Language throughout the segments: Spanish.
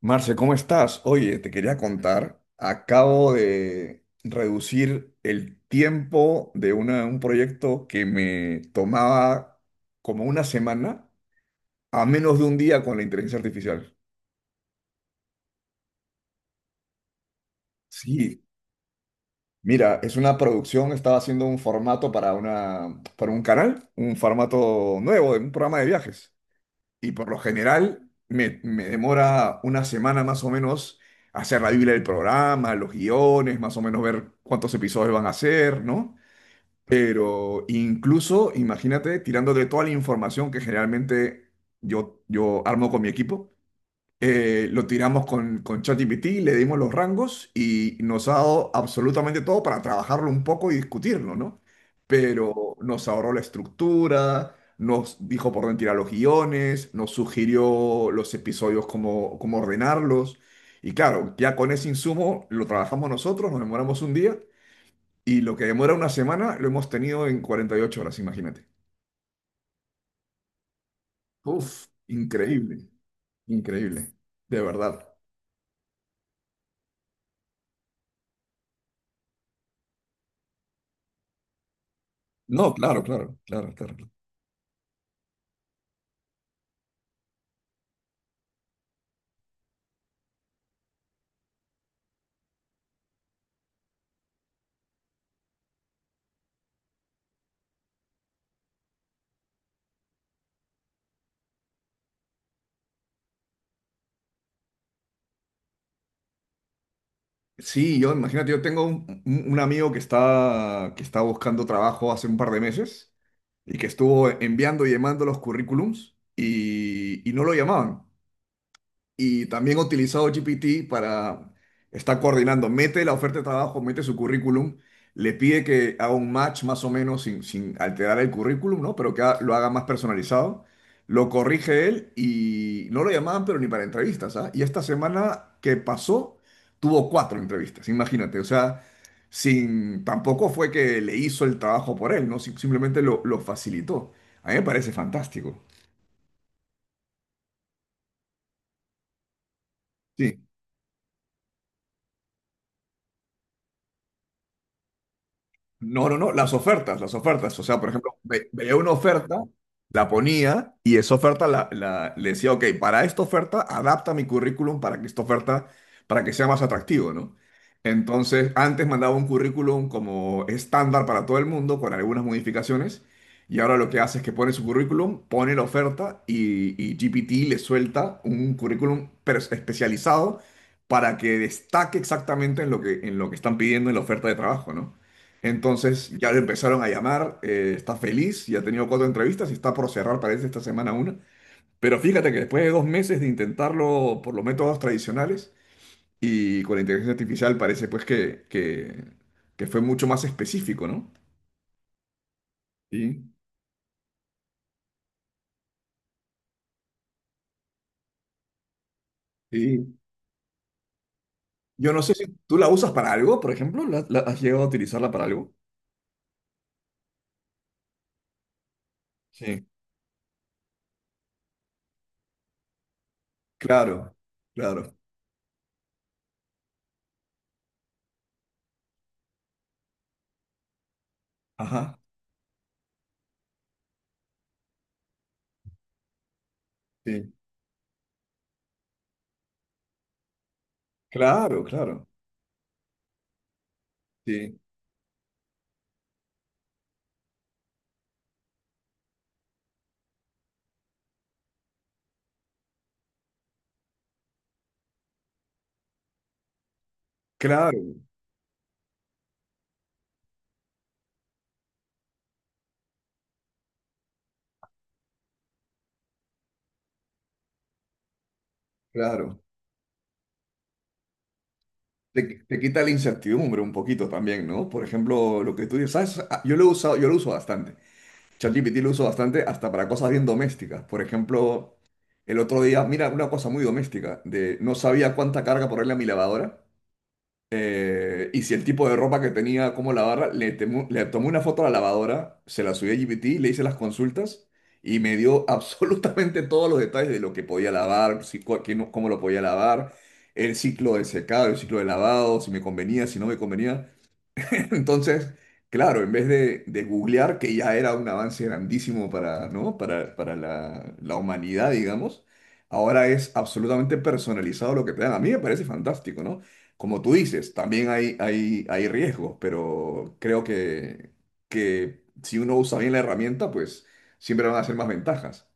Marce, ¿cómo estás? Oye, te quería contar, acabo de reducir el tiempo de un proyecto que me tomaba como una semana a menos de un día con la inteligencia artificial. Sí, mira, es una producción, estaba haciendo un formato para para un canal, un formato nuevo, de un programa de viajes. Y por lo general me demora una semana más o menos hacer la Biblia del programa, los guiones, más o menos ver cuántos episodios van a hacer, ¿no? Pero incluso, imagínate, tirando de toda la información que generalmente yo armo con mi equipo, lo tiramos con ChatGPT, le dimos los rangos y nos ha dado absolutamente todo para trabajarlo un poco y discutirlo, ¿no? Pero nos ahorró la estructura, nos dijo por dónde tirar los guiones, nos sugirió los episodios, cómo ordenarlos. Y claro, ya con ese insumo lo trabajamos nosotros, nos demoramos un día y lo que demora una semana lo hemos tenido en 48 horas, imagínate. Uf, increíble, increíble, de verdad. No, claro, claro, claro, claro, claro. Sí, yo imagínate, yo tengo un amigo que está buscando trabajo hace un par de meses y que estuvo enviando y llamando los currículums y no lo llamaban y también he utilizado GPT para estar coordinando. Mete la oferta de trabajo, mete su currículum, le pide que haga un match más o menos sin alterar el currículum, ¿no? Pero que lo haga más personalizado. Lo corrige él y no lo llamaban, pero ni para entrevistas, ¿ah? Y esta semana que pasó, tuvo cuatro entrevistas, imagínate. O sea, sin, tampoco fue que le hizo el trabajo por él, ¿no? Simplemente lo facilitó. A mí me parece fantástico. Sí. No, no, no, las ofertas, las ofertas. O sea, por ejemplo, veía una oferta, la ponía y esa oferta le decía, ok, para esta oferta adapta mi currículum para que esta oferta, para que sea más atractivo, ¿no? Entonces, antes mandaba un currículum como estándar para todo el mundo con algunas modificaciones y ahora lo que hace es que pone su currículum, pone la oferta y GPT le suelta un currículum especializado para que destaque exactamente en lo que están pidiendo en la oferta de trabajo, ¿no? Entonces ya le empezaron a llamar, está feliz, ya ha tenido cuatro entrevistas y está por cerrar, parece, esta semana una. Pero fíjate que después de dos meses de intentarlo por los métodos tradicionales y con la inteligencia artificial parece pues que fue mucho más específico, ¿no? Sí, sí. Yo no sé si tú la usas para algo, por ejemplo, has llegado a utilizarla para algo? Sí, claro, claro. Ajá, sí. Claro, claro. Sí, claro, claro. Te, te quita la incertidumbre un poquito también, ¿no? Por ejemplo, lo que tú dices, ¿sabes? Ah, yo lo he usado, yo lo uso bastante. ChatGPT lo uso bastante hasta para cosas bien domésticas. Por ejemplo, el otro día, mira, una cosa muy doméstica, de no sabía cuánta carga ponerle a mi lavadora y si el tipo de ropa que tenía, cómo lavarla, le tomé una foto a la lavadora, se la subí a GPT, le hice las consultas y me dio absolutamente todos los detalles de lo que podía lavar, si, cu- qué no- cómo lo podía lavar, el ciclo de secado, el ciclo de lavado, si me convenía, si no me convenía. Entonces, claro, en vez de googlear, que ya era un avance grandísimo para, ¿no? Para la humanidad, digamos, ahora es absolutamente personalizado lo que te dan. A mí me parece fantástico, ¿no? Como tú dices, también hay riesgos, pero creo que si uno usa bien la herramienta, pues siempre van a ser más ventajas.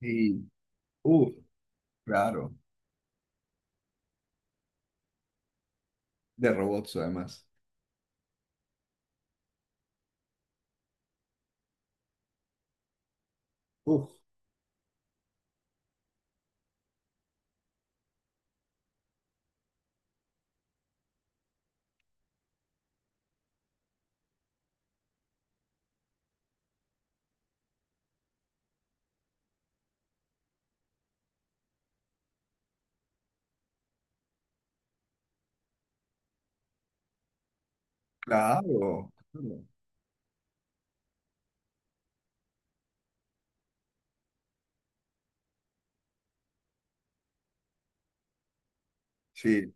Sí, uff, claro, de robots además. Uf, claro, claro. Sí,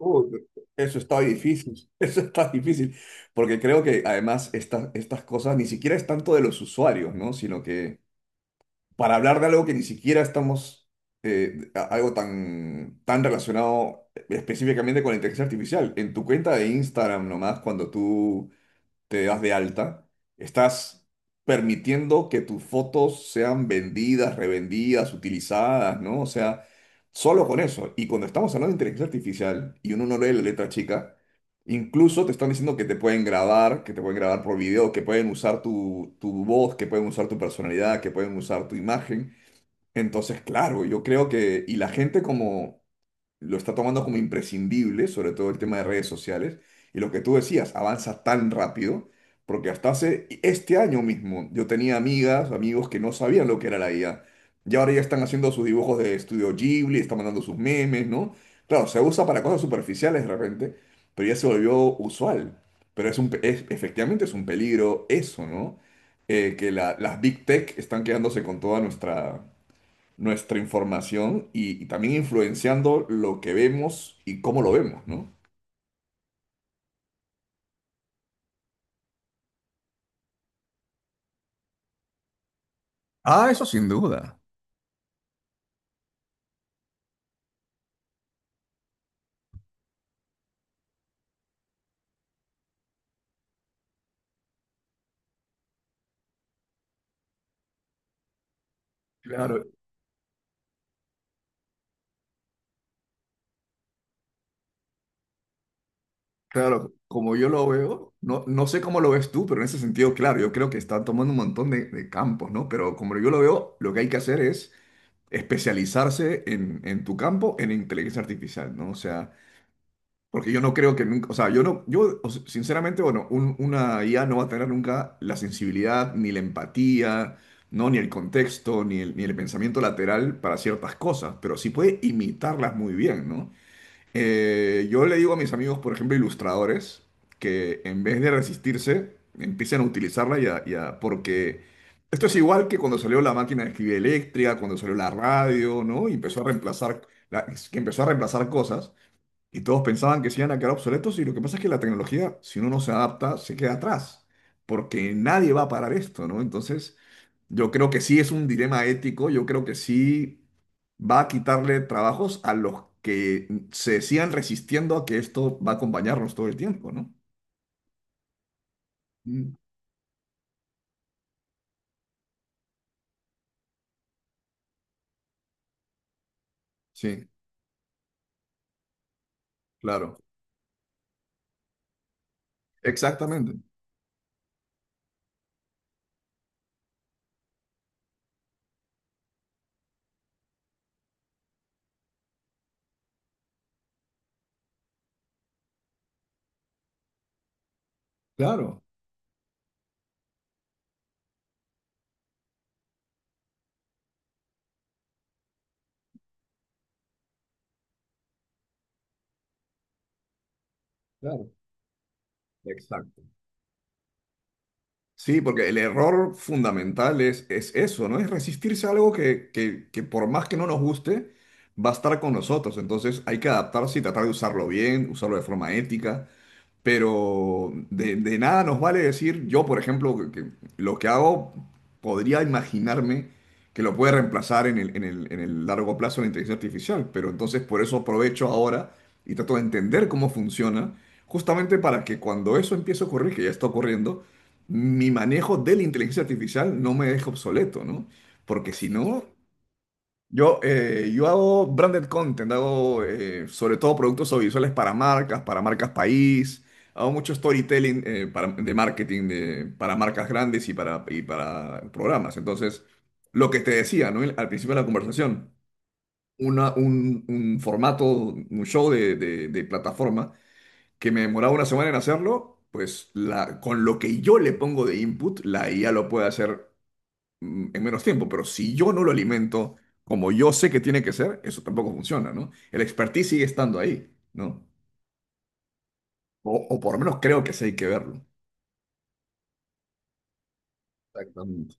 uh, eso está difícil, eso está difícil, porque creo que además estas cosas ni siquiera es tanto de los usuarios, ¿no? Sino que para hablar de algo que ni siquiera estamos, algo tan, tan relacionado específicamente con la inteligencia artificial, en tu cuenta de Instagram nomás, cuando tú te das de alta, estás permitiendo que tus fotos sean vendidas, revendidas, utilizadas, ¿no? O sea, solo con eso. Y cuando estamos hablando de inteligencia artificial y uno no lee la letra chica, incluso te están diciendo que te pueden grabar, que te pueden grabar por video, que pueden usar tu voz, que pueden usar tu personalidad, que pueden usar tu imagen. Entonces, claro, yo creo que, y la gente como lo está tomando como imprescindible, sobre todo el tema de redes sociales, y lo que tú decías, avanza tan rápido, porque hasta hace este año mismo yo tenía amigas, amigos que no sabían lo que era la IA, y ahora ya están haciendo sus dibujos de estudio Ghibli, están mandando sus memes, ¿no? Claro, se usa para cosas superficiales de repente, pero ya se volvió usual, pero es efectivamente es un peligro eso, ¿no? Que las big tech están quedándose con toda nuestra, nuestra información y también influenciando lo que vemos y cómo lo vemos, ¿no? Ah, eso sin duda. Claro, claro, como yo lo veo, no, no sé cómo lo ves tú, pero en ese sentido, claro, yo creo que están tomando un montón de campos, ¿no? Pero como yo lo veo, lo que hay que hacer es especializarse en tu campo, en inteligencia artificial, ¿no? O sea, porque yo no creo que nunca, o sea, yo no, yo o sea, sinceramente, bueno, una IA no va a tener nunca la sensibilidad, ni la empatía, ¿no? Ni el contexto, ni el pensamiento lateral para ciertas cosas, pero sí puede imitarlas muy bien, ¿no? Yo le digo a mis amigos, por ejemplo, ilustradores, que en vez de resistirse, empiecen a utilizarla ya, ya, porque esto es igual que cuando salió la máquina de escribir eléctrica, cuando salió la radio, ¿no? Y empezó a reemplazar, que empezó a reemplazar cosas. Y todos pensaban que se iban a quedar obsoletos y lo que pasa es que la tecnología, si uno no se adapta, se queda atrás, porque nadie va a parar esto, ¿no? Entonces, yo creo que sí es un dilema ético, yo creo que sí va a quitarle trabajos a los que se sigan resistiendo a que esto va a acompañarnos todo el tiempo, ¿no? Mm, sí, claro. Exactamente. Claro, claro. Exacto. Sí, porque el error fundamental es eso, ¿no? Es resistirse a algo que por más que no nos guste, va a estar con nosotros. Entonces hay que adaptarse y tratar de usarlo bien, usarlo de forma ética, pero de nada nos vale decir, yo por ejemplo, que lo que hago podría imaginarme que lo puede reemplazar en el, en el largo plazo la inteligencia artificial, pero entonces por eso aprovecho ahora y trato de entender cómo funciona, justamente para que cuando eso empiece a ocurrir, que ya está ocurriendo, mi manejo de la inteligencia artificial no me deje obsoleto, ¿no? Porque si no, yo, yo hago branded content, hago sobre todo productos audiovisuales para marcas país, hago mucho storytelling de marketing para marcas grandes y para programas. Entonces, lo que te decía, ¿no? Al principio de la conversación, un formato, un show de, de plataforma que me demoraba una semana en hacerlo, pues la, con lo que yo le pongo de input, la IA lo puede hacer mm, en menos tiempo, pero si yo no lo alimento como yo sé que tiene que ser, eso tampoco funciona, ¿no? El expertise sigue estando ahí, ¿no? O por lo menos creo que sí hay que verlo. Exactamente.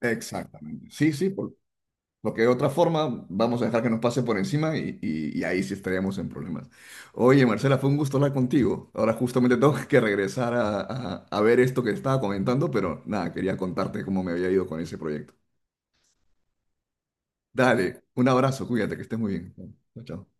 Exactamente. Porque de otra forma vamos a dejar que nos pase por encima y, y ahí sí estaríamos en problemas. Oye, Marcela, fue un gusto hablar contigo. Ahora justamente tengo que regresar a, a ver esto que estaba comentando, pero nada, quería contarte cómo me había ido con ese proyecto. Dale, un abrazo, cuídate, que estés muy bien. Chao, chao.